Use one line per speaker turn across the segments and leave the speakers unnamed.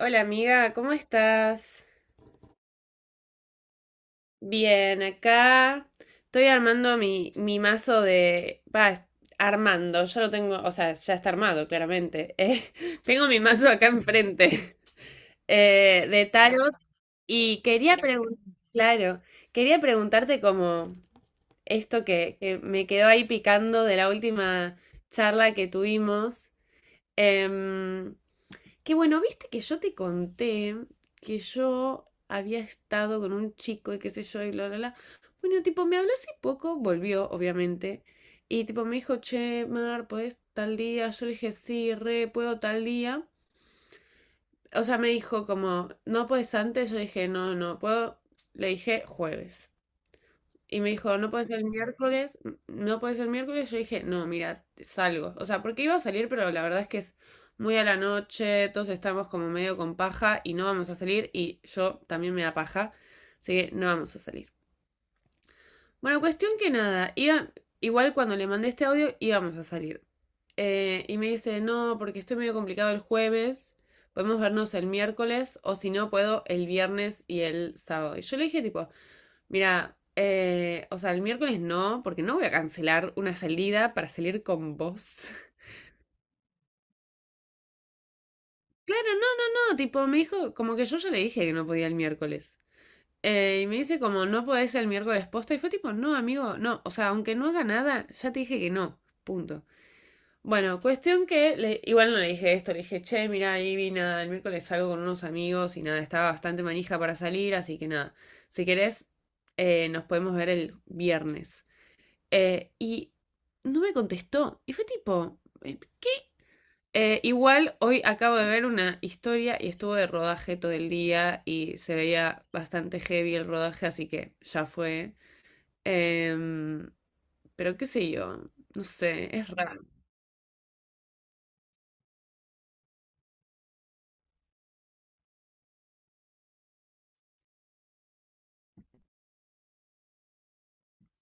Hola amiga, ¿cómo estás? Bien, acá estoy armando mi mazo de... Va, armando, ya lo tengo, o sea, ya está armado, claramente. Tengo mi mazo acá enfrente de tarot y quería preguntar, claro, quería preguntarte como esto que me quedó ahí picando de la última charla que tuvimos. em, Que bueno, viste que yo te conté que yo había estado con un chico y qué sé yo y bla, bla, bla. Bueno, tipo, me habló hace poco, volvió, obviamente. Y tipo, me dijo, che, Mar, ¿puedes tal día? Yo le dije, sí, re, puedo tal día. O sea, me dijo como, ¿no puedes antes? Yo dije, no, no puedo. Le dije, jueves. Y me dijo, no puede ser el miércoles, no puede ser el miércoles. Yo dije, no, mira, salgo. O sea, porque iba a salir, pero la verdad es que es muy a la noche, todos estamos como medio con paja y no vamos a salir. Y yo también me da paja, así que no vamos a salir. Bueno, cuestión que nada, iba, igual cuando le mandé este audio íbamos a salir. Y me dice, no, porque estoy medio complicado el jueves, podemos vernos el miércoles o si no puedo el viernes y el sábado. Y yo le dije, tipo, mira, o sea, el miércoles no, porque no voy a cancelar una salida para salir con vos. Claro, no, no, no, tipo, me dijo, como que yo ya le dije que no podía el miércoles. Y me dice como, no podés el miércoles posta. Y fue tipo, no, amigo, no, o sea, aunque no haga nada, ya te dije que no, punto. Bueno, cuestión que, igual no le dije esto, le dije, che, mira, Ivy, nada, el miércoles salgo con unos amigos y nada, estaba bastante manija para salir, así que nada, si querés, nos podemos ver el viernes. Y no me contestó. Y fue tipo. Igual hoy acabo de ver una historia y estuvo de rodaje todo el día y se veía bastante heavy el rodaje, así que ya fue. Em, pero qué sé yo, no sé, es raro.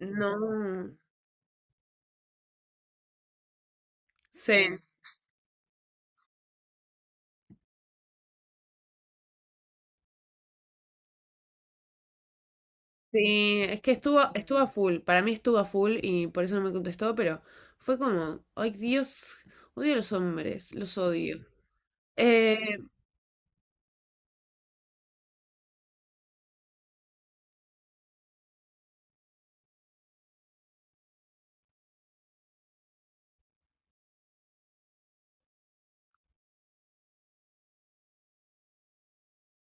No sé. Sí, es que estuvo a full. Para mí estuvo a full y por eso no me contestó, pero fue como, ay Dios, odio a los hombres, los odio. Eh,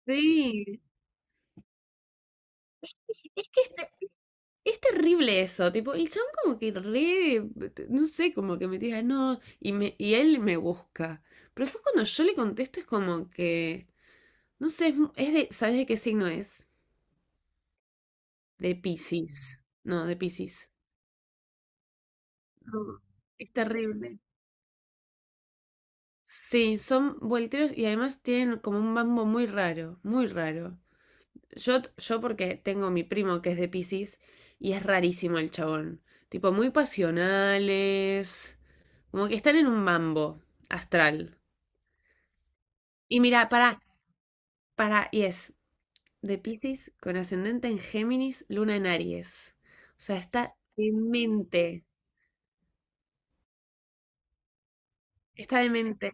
sí, es que es terrible eso, tipo, el chabón como que re, no sé, como que me diga no, y, me, y él me busca. Pero después cuando yo le contesto es como que, no sé, es, es de, ¿sabes de qué signo es? De Piscis. No, de Piscis. No, es terrible. Sí, son volteros y además tienen como un mambo muy raro, muy raro. Yo, yo porque tengo mi primo que es de Piscis y es rarísimo el chabón. Tipo, muy pasionales. Como que están en un mambo astral. Y mira, para, y es de Piscis con ascendente en Géminis, luna en Aries. O sea, está demente. Está demente.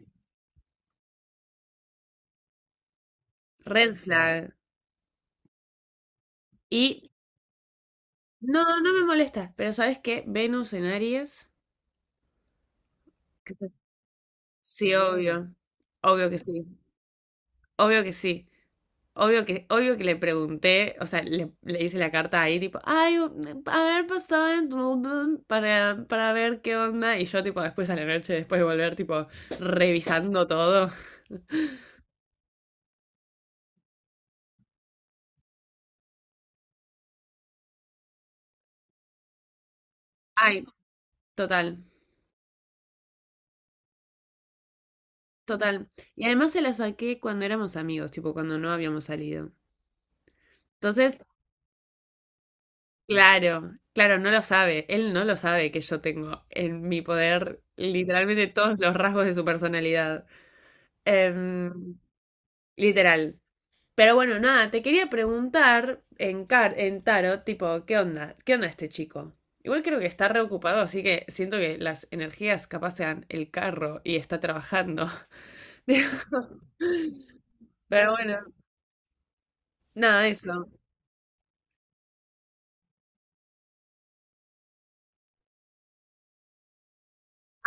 Red flag. Y no, no me molesta, pero ¿sabes qué? Venus en Aries. que- Sí, obvio. Obvio que sí. Obvio que sí. Obvio que le pregunté, o sea, le hice la carta ahí, tipo, ay, a ver, pasaba en Dublín para ver qué onda. Y yo, tipo, después a la noche, después de volver, tipo, revisando todo. Ay, total, total. Y además se la saqué cuando éramos amigos, tipo, cuando no habíamos salido. Entonces, claro, claro, no lo sabe. Él no lo sabe que yo tengo en mi poder literalmente todos los rasgos de su personalidad. Em, literal. Pero bueno, nada, te quería preguntar en, car en tarot, tipo, ¿qué onda? ¿Qué onda este chico? Igual creo que está reocupado, así que siento que las energías capaz sean el carro y está trabajando. Pero bueno, nada, eso.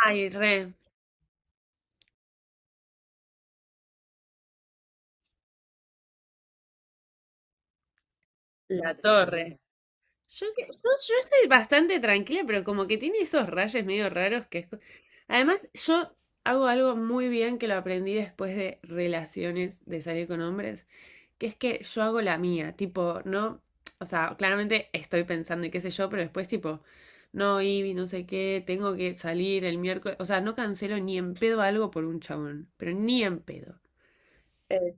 Ay, re, la torre. Yo, que- yo, yo estoy bastante tranquila, pero como que tiene esos rayos medio raros que es... Además, yo hago algo muy bien que lo aprendí después de relaciones, de salir con hombres, que es que yo hago la mía, tipo, no, o sea, claramente estoy pensando y qué sé yo, pero después tipo, no, Ivy, no sé qué, tengo que salir el miércoles, o sea, no cancelo ni en pedo algo por un chabón, pero ni en pedo. Eh,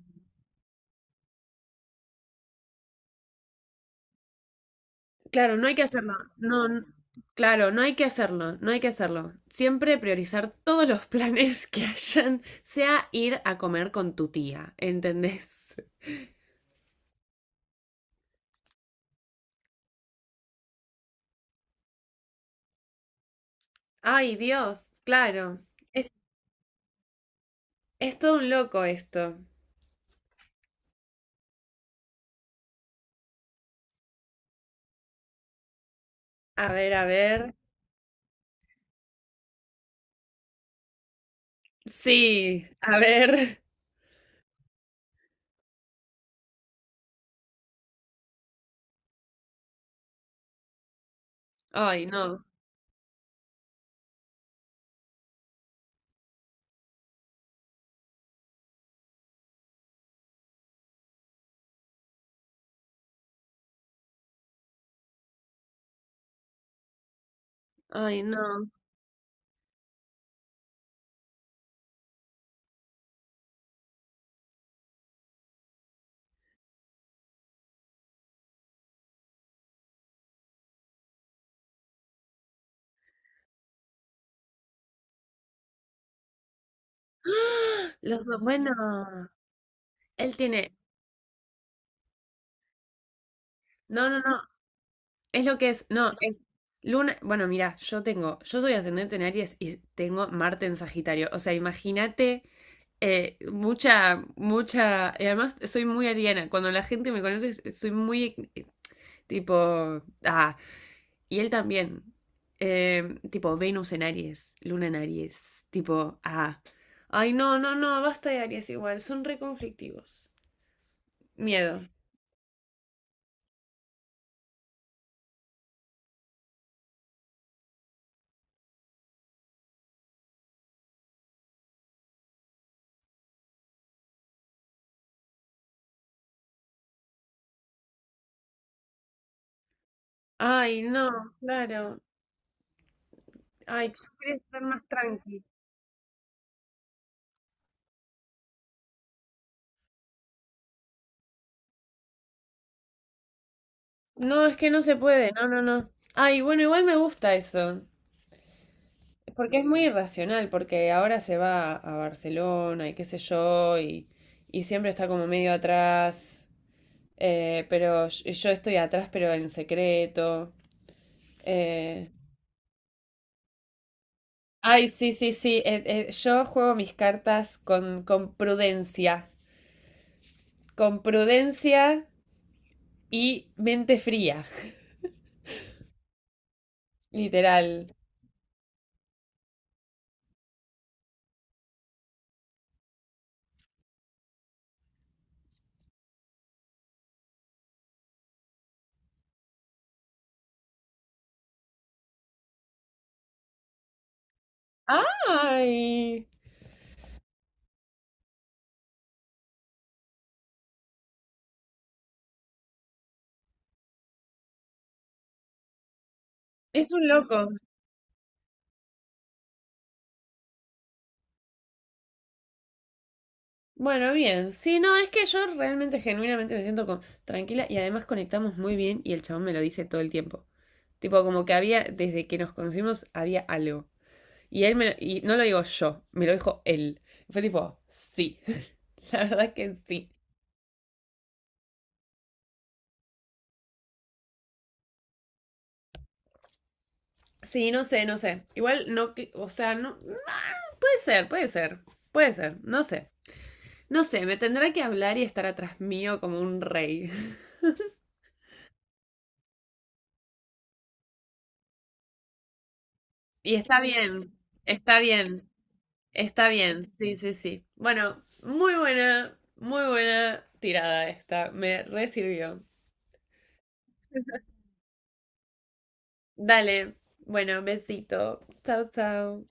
Claro, no hay que hacerlo, claro, no hay que hacerlo, no hay que hacerlo. Siempre priorizar todos los planes que hayan, sea ir a comer con tu tía, ¿entendés? Ay, Dios, claro, es, es todo un loco esto. A ver, a ver. Sí, a ver. Ay, no. Ay, no. ¡Ah! Los dos, bueno. Él tiene. No, no, no. Es lo que es. No, es luna. Bueno, mira, yo tengo. Yo soy ascendente en Aries y tengo Marte en Sagitario. O sea, imagínate. Mucha, mucha. Y además soy muy ariana. Cuando la gente me conoce, soy muy tipo. Ah, y él también. Tipo, Venus en Aries, Luna en Aries. Tipo, ah. Ay, no, no, no, basta de Aries igual, son re conflictivos. Miedo. Ay, no, claro. Ay, yo quería estar más tranqui. No, es que no se puede, no, no, no. Ay, bueno, igual me gusta eso. Porque es muy irracional, porque ahora se va a Barcelona y qué sé yo, y siempre está como medio atrás. Pero yo estoy atrás, pero en secreto. Eh, Ay, sí, sí, sí. Yo juego mis cartas con prudencia. Con prudencia y mente fría, literal. ¡Ay! Es un loco. Bueno, bien. Sí, no, es que yo realmente, genuinamente me siento tranquila y además conectamos muy bien y el chabón me lo dice todo el tiempo. Tipo, como que había, desde que nos conocimos, había algo. Y él y no lo digo yo, me lo dijo él. Fue tipo, sí, la verdad que sí. Sí, no sé, no sé. Igual no, o sea, no. ah, Puede ser, puede ser, puede ser, no sé. No sé, me tendrá que hablar y estar atrás mío como un rey. Y está bien, está bien, está bien. Sí, sí, sí. Bueno, muy buena tirada esta. Me re sirvió. Dale, bueno, besito. Chao, chao.